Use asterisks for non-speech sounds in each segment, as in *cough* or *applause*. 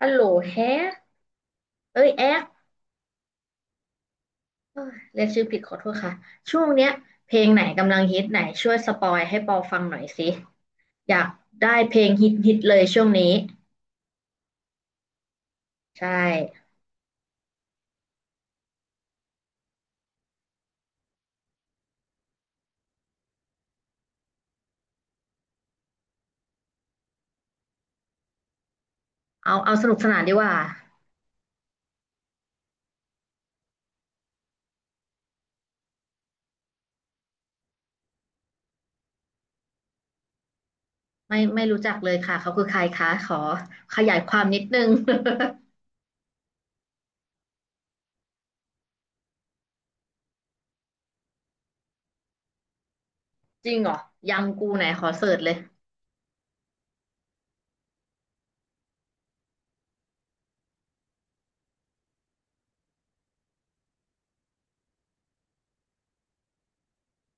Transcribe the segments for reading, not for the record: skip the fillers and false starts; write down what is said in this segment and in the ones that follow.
ฮัลโหลแฮกเอ้ยแอ๊กเอ้ยเรียกชื่อผิดขอโทษค่ะ ช่วงเนี้ยเพลงไหนกำลังฮิตไหนช่วยสปอยให้ปอฟังหน่อยสิ อยากได้เพลงฮิตฮิตเลยช่วงนี้ ใช่ เอาสนุกสนานดีกว่าไม่รู้จักเลยค่ะ เขาคือใครคะขอขยายความนิดนึง *laughs* จริงเหรอ ยังกูไหนขอเสิร์ชเลย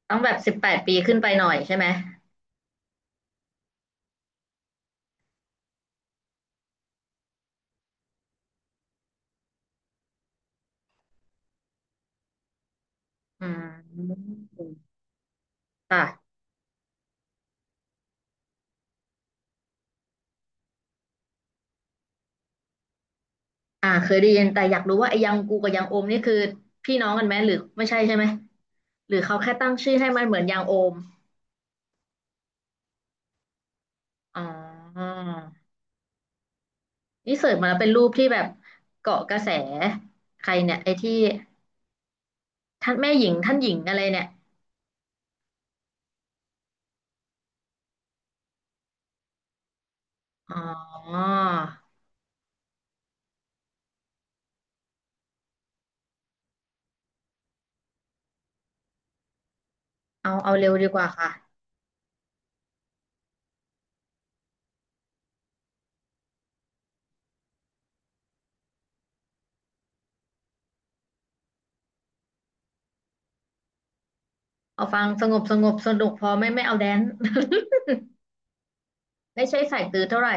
ต้องแบบ18ปีขึ้นไปหน่อยใช่ไหมอืมค่ะ อ่าเคยได้ยินแต่อยากรู้ว่าไอ้ยังกูกับยังโอมนี่คือพี่น้องกันไหมหรือไม่ใช่ใช่ไหมหรือเขาแค่ตั้งชื่อให้มันเหมือนยังโอมอ๋อนี่เสิร์ชมาแล้วเป็นรูปที่แบบเกาะกระแสใครเนี่ยไอ้ที่ท่านแม่หญิงท่านหญิงอะไรเนี่ยอ๋อเอาเร็วดีกว่าค่ะเอาฟังสงบสงบสนุกพอไม่เอาแดนซ์ *laughs* ไม่ใช่สายตือเท่าไหร่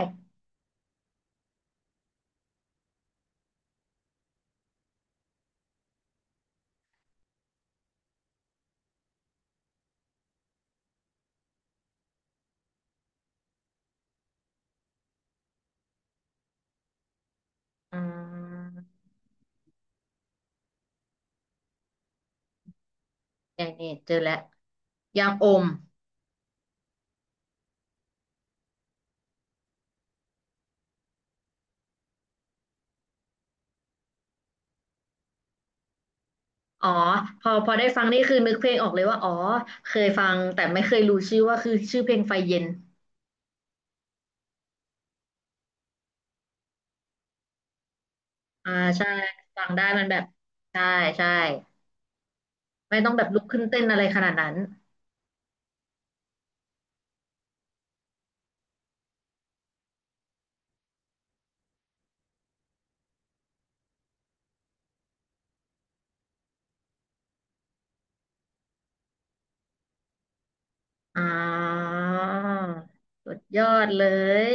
อืมนี่เจอแล้วยังโอม อ๋อพอได้ฟังนี่คือนึกเพลงออกเลยว่าอ๋อเคยฟังแต่ไม่เคยรู้ชื่อว่าคือชื่อเพลงไฟเย็นอ่าใช่ฟังได้มันแบบใช่ใช่ไม่ต้องแบบลุกขึ้นเต้นอะไรขนาดนั้นอ่าสุดยอดเลย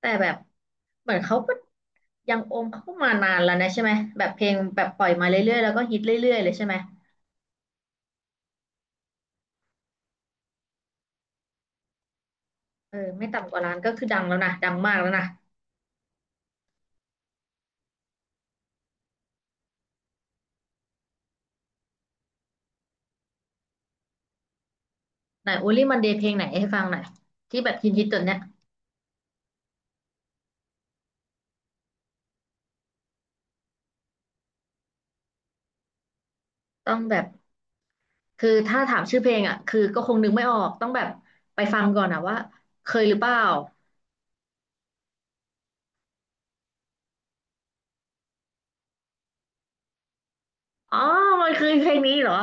แต่แบบเหมือนเขาก็ยังโอมเขาก็มานานแล้วนะใช่ไหมแบบเพลงแบบปล่อยมาเรื่อยๆแล้วก็ฮิตเรื่อยๆเลยใช่ไหมเออไม่ต่ำกว่าล้านก็คือดังแล้วนะดังมากแล้วนะไหนโอลี่มันเดย์เพลงไหนให้ฟังหน่อยที่แบบฮิตๆตอนเนี้ยต้องแบบ คือถ้าถามชื่อเพลงอ่ะคือก็คงนึกไม่ออกต้องแบบไปฟังก่อนอ่ะว่าเคยหรือเปล่าอ๋อมันคือเพลงนี้เหรอ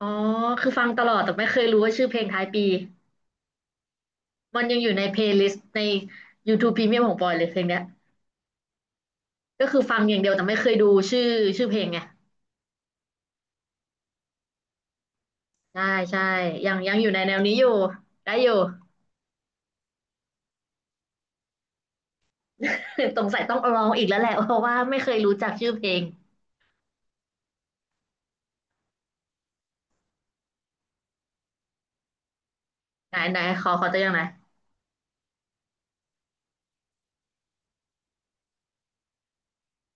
อ๋อคือฟังตลอดแต่ไม่เคยรู้ว่าชื่อเพลงท้ายปีมันยังอยู่ในเพลย์ลิสต์ใน YouTube Premium ของปอยเลยเพลงเนี้ยก็คือฟังอย่างเดียวแต่ไม่เคยดูชื่อชื่อเพลงไงใช่ใช่ยังอยู่ในแนวนี้อยู่ได้อยู่ *laughs* สงสัยต้องลองอีกแล้วแหละเพราะว่าไม่เคยรู้จักชื่อเพลงไหนไหนขอตัวอย่างไหนอย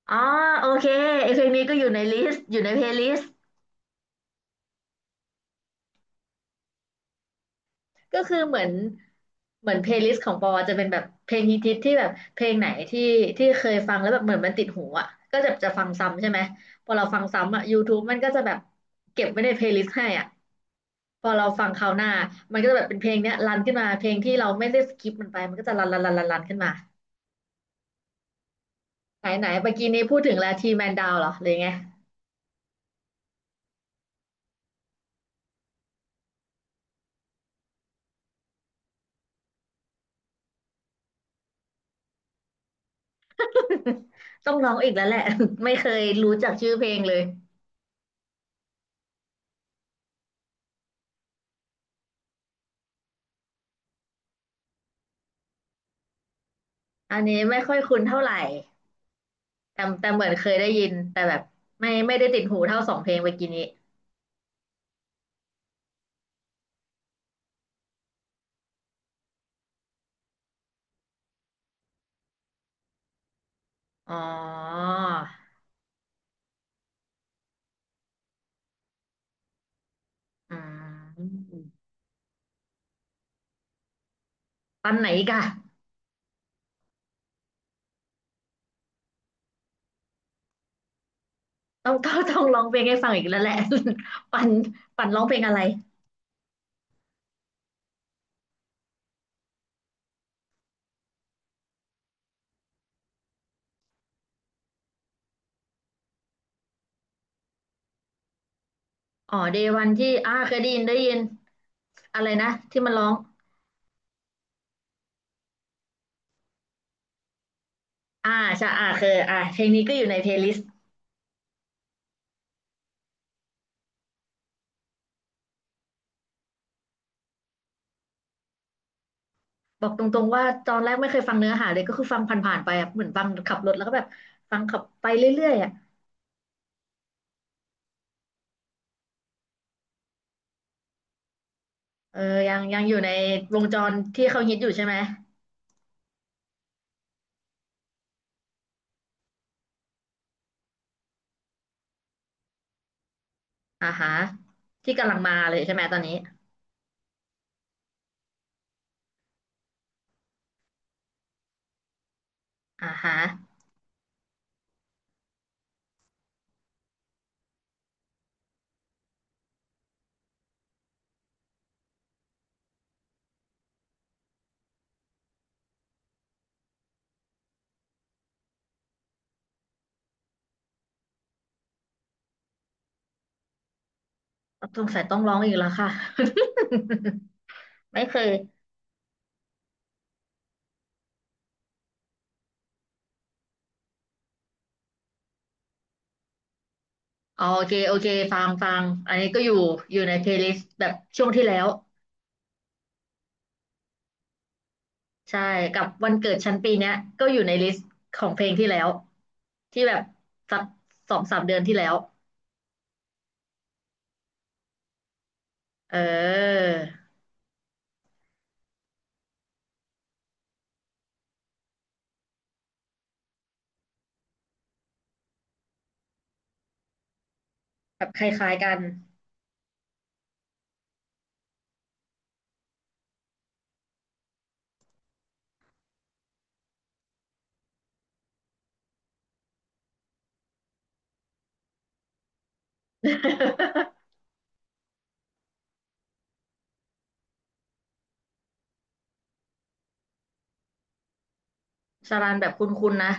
อ๋อโอเคไอเพลงนี้ก็อยู่ในลิสต์อยู่ในเพลย์ลิสต์ ก็คือเหมือนเพลย์ลิสต์ของปอจะเป็นแบบเพลงฮิตๆที่แบบเพลงไหนที่เคยฟังแล้วแบบเหมือนมันติดหูอ่ะก็จะฟังซ้ำใช่ไหมพอเราฟังซ้ำอ่ะ YouTube มันก็จะแบบเก็บไว้ในเพลย์ลิสต์ให้อ่ะพอเราฟังคราวหน้ามันก็จะแบบเป็นเพลงเนี้ยรันขึ้นมาเพลงที่เราไม่ได้สกิปมันไปมันก็จะรันรันรันรันรันขึ้นมาไหนไหนเมื่อกี้นี้พูดถึงลาทีแมนดาวเหรอหรือไง *laughs* ต้องร้องอีกแล้วแหละ *laughs* ไม่เคยรู้จักชื่อเพลงเลยอันนี้ไม่ค่อยคุ้นเท่าไหร่ แต่เหมือนเคยได้ยินแต่แบบไม่ไม่ได้ติดหูเท่าสองเพลงเมื่อกี้นี้อ๋ออืมปันไหนอีกอะต้องร้องเพลงให้ฟังอีกแล้วแหละ *laughs* ปันปันร้องเพลงอะไรอ๋อเดวันที่อ่าเคยได้ยินได้ยินอะไรนะที่มันร้องอ่าใช่อ่าเคยอ่าเพลงนี้ก็อยู่ในเพลย์ลิสต์บอกตรงๆว่าตอนแรกไม่เคยฟังเนื้อหาเลยก็คือฟังผ่านๆไปอะเหมือนฟังขับรถแล้วก็แบบฟังขับไปเรื่อยๆอะเออยังอยู่ในวงจรที่เขาฮิตอยู่ใช่ไหม อ่าฮะที่กำลังมาเลยใช่ไหมตอนนี้อ่าฮะสงสัยต้องร้องอีกแล้วค่ะ *laughs* ไม่เคยอ๋อโอเคโอเคฟังฟังอันนี้ก็อยู่อยู่ในเพลย์ลิสต์แบบช่วงที่แล้วใช่กับวันเกิดชั้นปีเนี้ยก็อยู่ในลิสต์ของเพลงที่แล้วที่แบบสัก2-3เดือนที่แล้วเออแบบคล้ายๆกัน *laughs* สารันแบบคุ้นๆนะ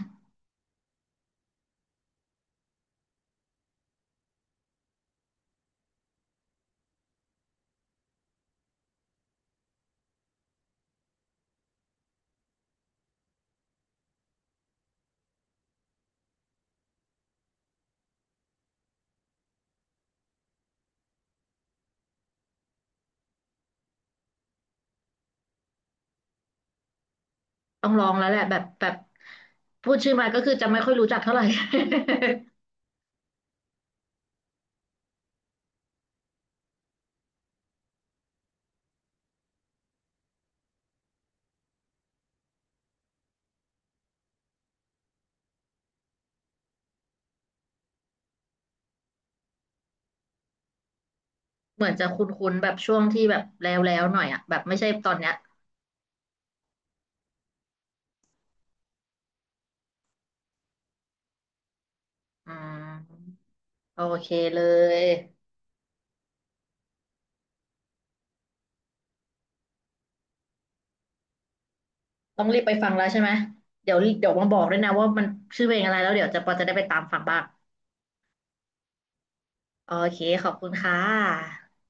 ต้องลองแล้วแหละแบบแบบพูดชื่อมาก็คือจะไม่ค่อยรู้จักเท่าไหร่ *laughs* เหมือนจะคุ้นๆแบบช่วงที่แบบแล้วแล้วหน่อยอ่ะแบบไม่ใช่ตอนเนี้ยอืมโอเคเลยต้องรีบไปฟังแล้วใช่ไหมเดี๋ยวเดี๋ยวมาบอกด้วยนะว่ามันชื่อเพลงอะไรแล้วเดี๋ยวจะปอจะได้ไปตามฟังบ้างโอเคขอบคุณค่ะ